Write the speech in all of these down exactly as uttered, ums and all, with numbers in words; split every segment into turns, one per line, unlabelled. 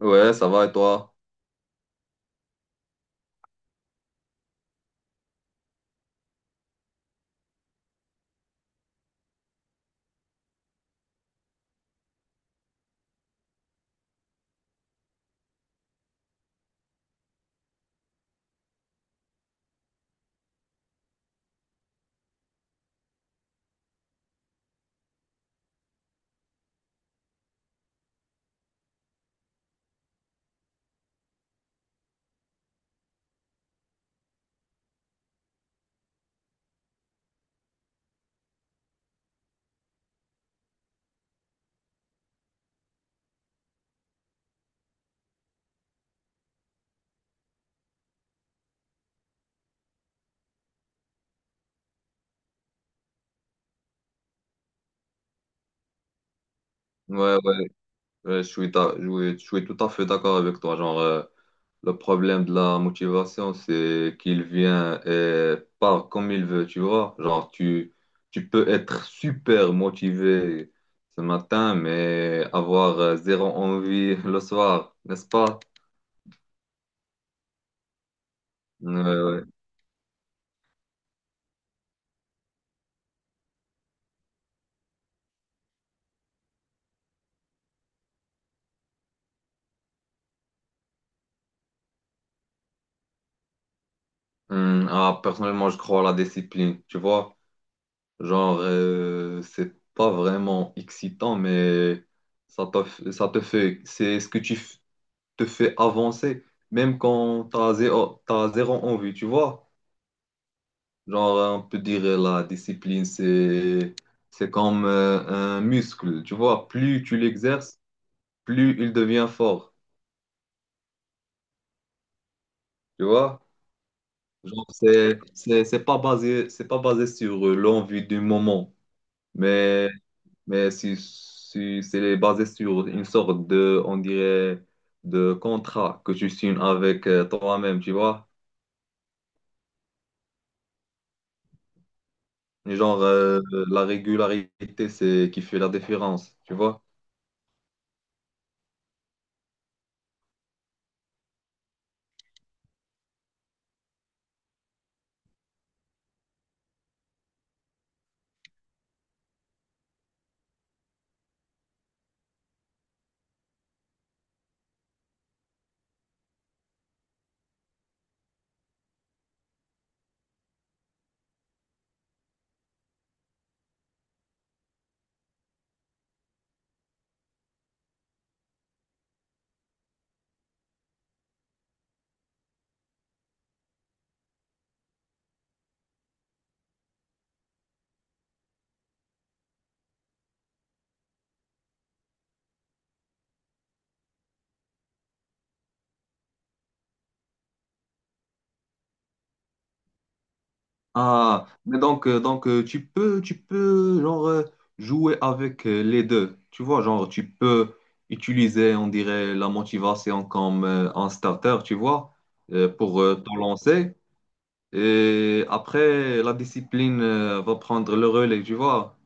Ouais, ça va et toi? Ouais, ouais, ouais, je suis, ta- je suis je suis tout à fait d'accord avec toi. Genre, euh, le problème de la motivation, c'est qu'il vient et part comme il veut, tu vois. Genre, tu, tu peux être super motivé ce matin, mais avoir euh, zéro envie le soir, n'est-ce pas? Ouais, ouais. Hum, ah, personnellement, je crois à la discipline, tu vois. Genre, euh, c'est pas vraiment excitant, mais ça te, f- ça te fait, c'est ce que tu, f- te fait avancer, même quand t'as zéro, t'as zéro envie, tu vois. Genre, on peut dire euh, la discipline, c'est, c'est comme euh, un muscle, tu vois. Plus tu l'exerces, plus il devient fort, tu vois. Genre, c'est, c'est, c'est pas basé, c'est pas basé sur euh, l'envie du moment, mais, mais si, si c'est basé sur une sorte de, on dirait, de contrat que tu signes avec euh, toi-même, tu vois. Et genre, euh, la régularité, c'est qui fait la différence, tu vois? Ah, mais donc, euh, donc euh, tu peux, tu peux, genre, euh, jouer avec euh, les deux, tu vois? Genre, tu peux utiliser, on dirait, la motivation comme euh, un starter, tu vois, euh, pour euh, te lancer. Et après, la discipline euh, va prendre le relais, tu vois?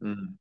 Hmm.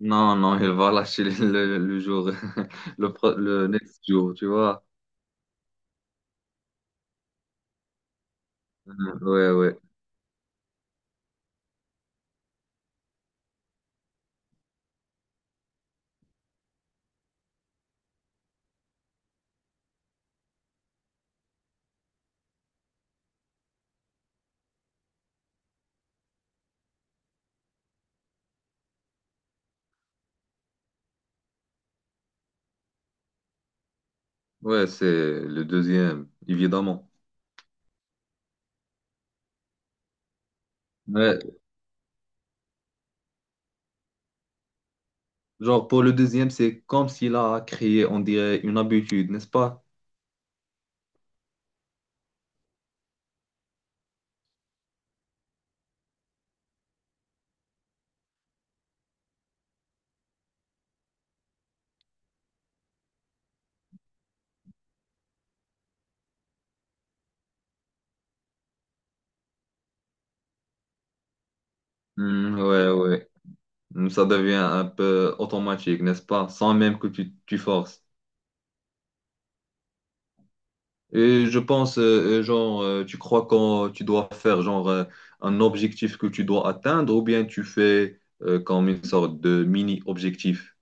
Non, non, il va lâcher le, le le jour, le, pro- le next jour, tu vois? Hmm, ouais, ouais. Ouais, c'est le deuxième, évidemment. Ouais, genre pour le deuxième, c'est comme s'il a créé, on dirait, une habitude, n'est-ce pas? Hmm, ouais, ouais. Hmm. Ça devient un peu automatique, n'est-ce pas? Sans même que tu, tu forces. Et je pense, euh, euh, genre, euh, tu crois quand tu dois faire, genre, euh, un objectif que tu dois atteindre, ou bien tu fais euh, comme une sorte de mini-objectif.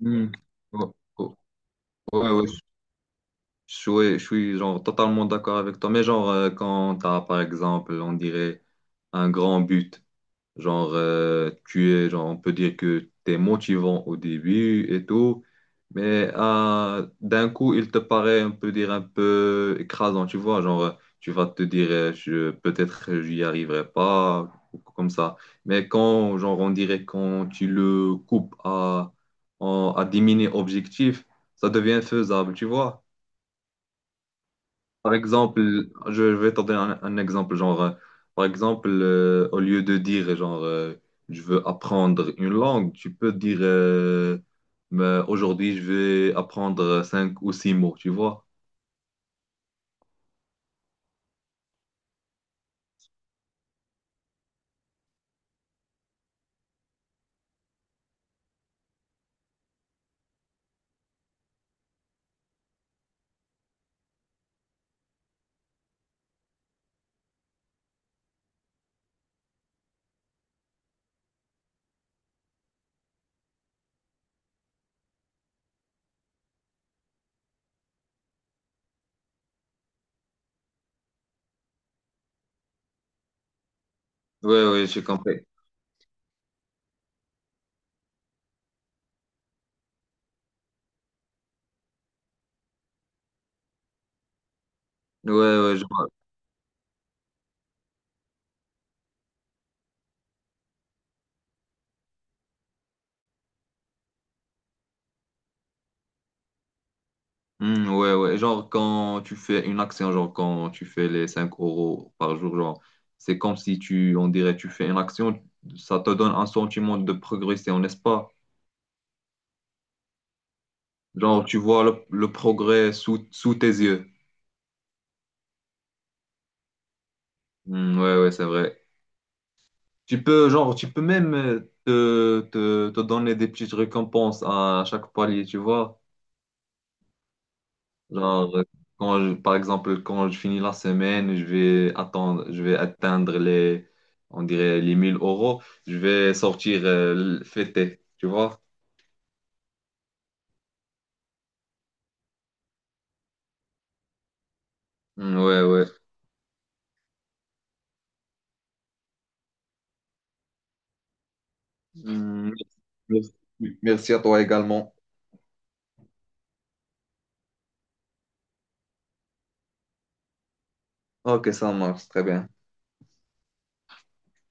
Hmm. Ouais, ouais, ouais, Je suis, je suis genre totalement d'accord avec toi, mais genre euh, quand t'as par exemple, on dirait un grand but, genre euh, tu es, genre on peut dire que t'es motivant au début et tout, mais euh, d'un coup il te paraît, on peut dire un peu écrasant, tu vois, genre euh, tu vas te dire euh, je peut-être euh, j'y arriverai pas ou comme ça, mais quand genre on dirait quand tu le coupes à en- à diminuer objectif, ça devient faisable, tu vois. Par exemple, je vais te donner un, un exemple, genre, euh, par exemple, euh, au lieu de dire, genre, euh, je veux apprendre une langue, tu peux dire, euh, Mais aujourd'hui, je vais apprendre cinq ou six mots, tu vois? Ouais, ouais, j'ai compris. Ouais, ouais, genre. Hmm, ouais, ouais, genre, quand tu fais une action, genre, quand tu fais les cinq euros par jour, genre, c'est comme si tu, on dirait, tu fais une action, ça te donne un sentiment de progression, n'est-ce pas? Genre, tu vois le, le progrès sous, sous tes yeux. Hmm, ouais, ouais, c'est vrai. Tu peux, genre, tu peux même euh, te, te, te donner des petites récompenses à chaque palier, tu vois. Genre, euh, quand je- par exemple, quand je finis la semaine, je vais attendre, je vais atteindre les, on dirait, les mille euros. Je vais sortir euh, le- fêter, tu vois. Hmm, ouais, ouais. Hmm, merci merci à toi également. Ok, ça marche, très bien.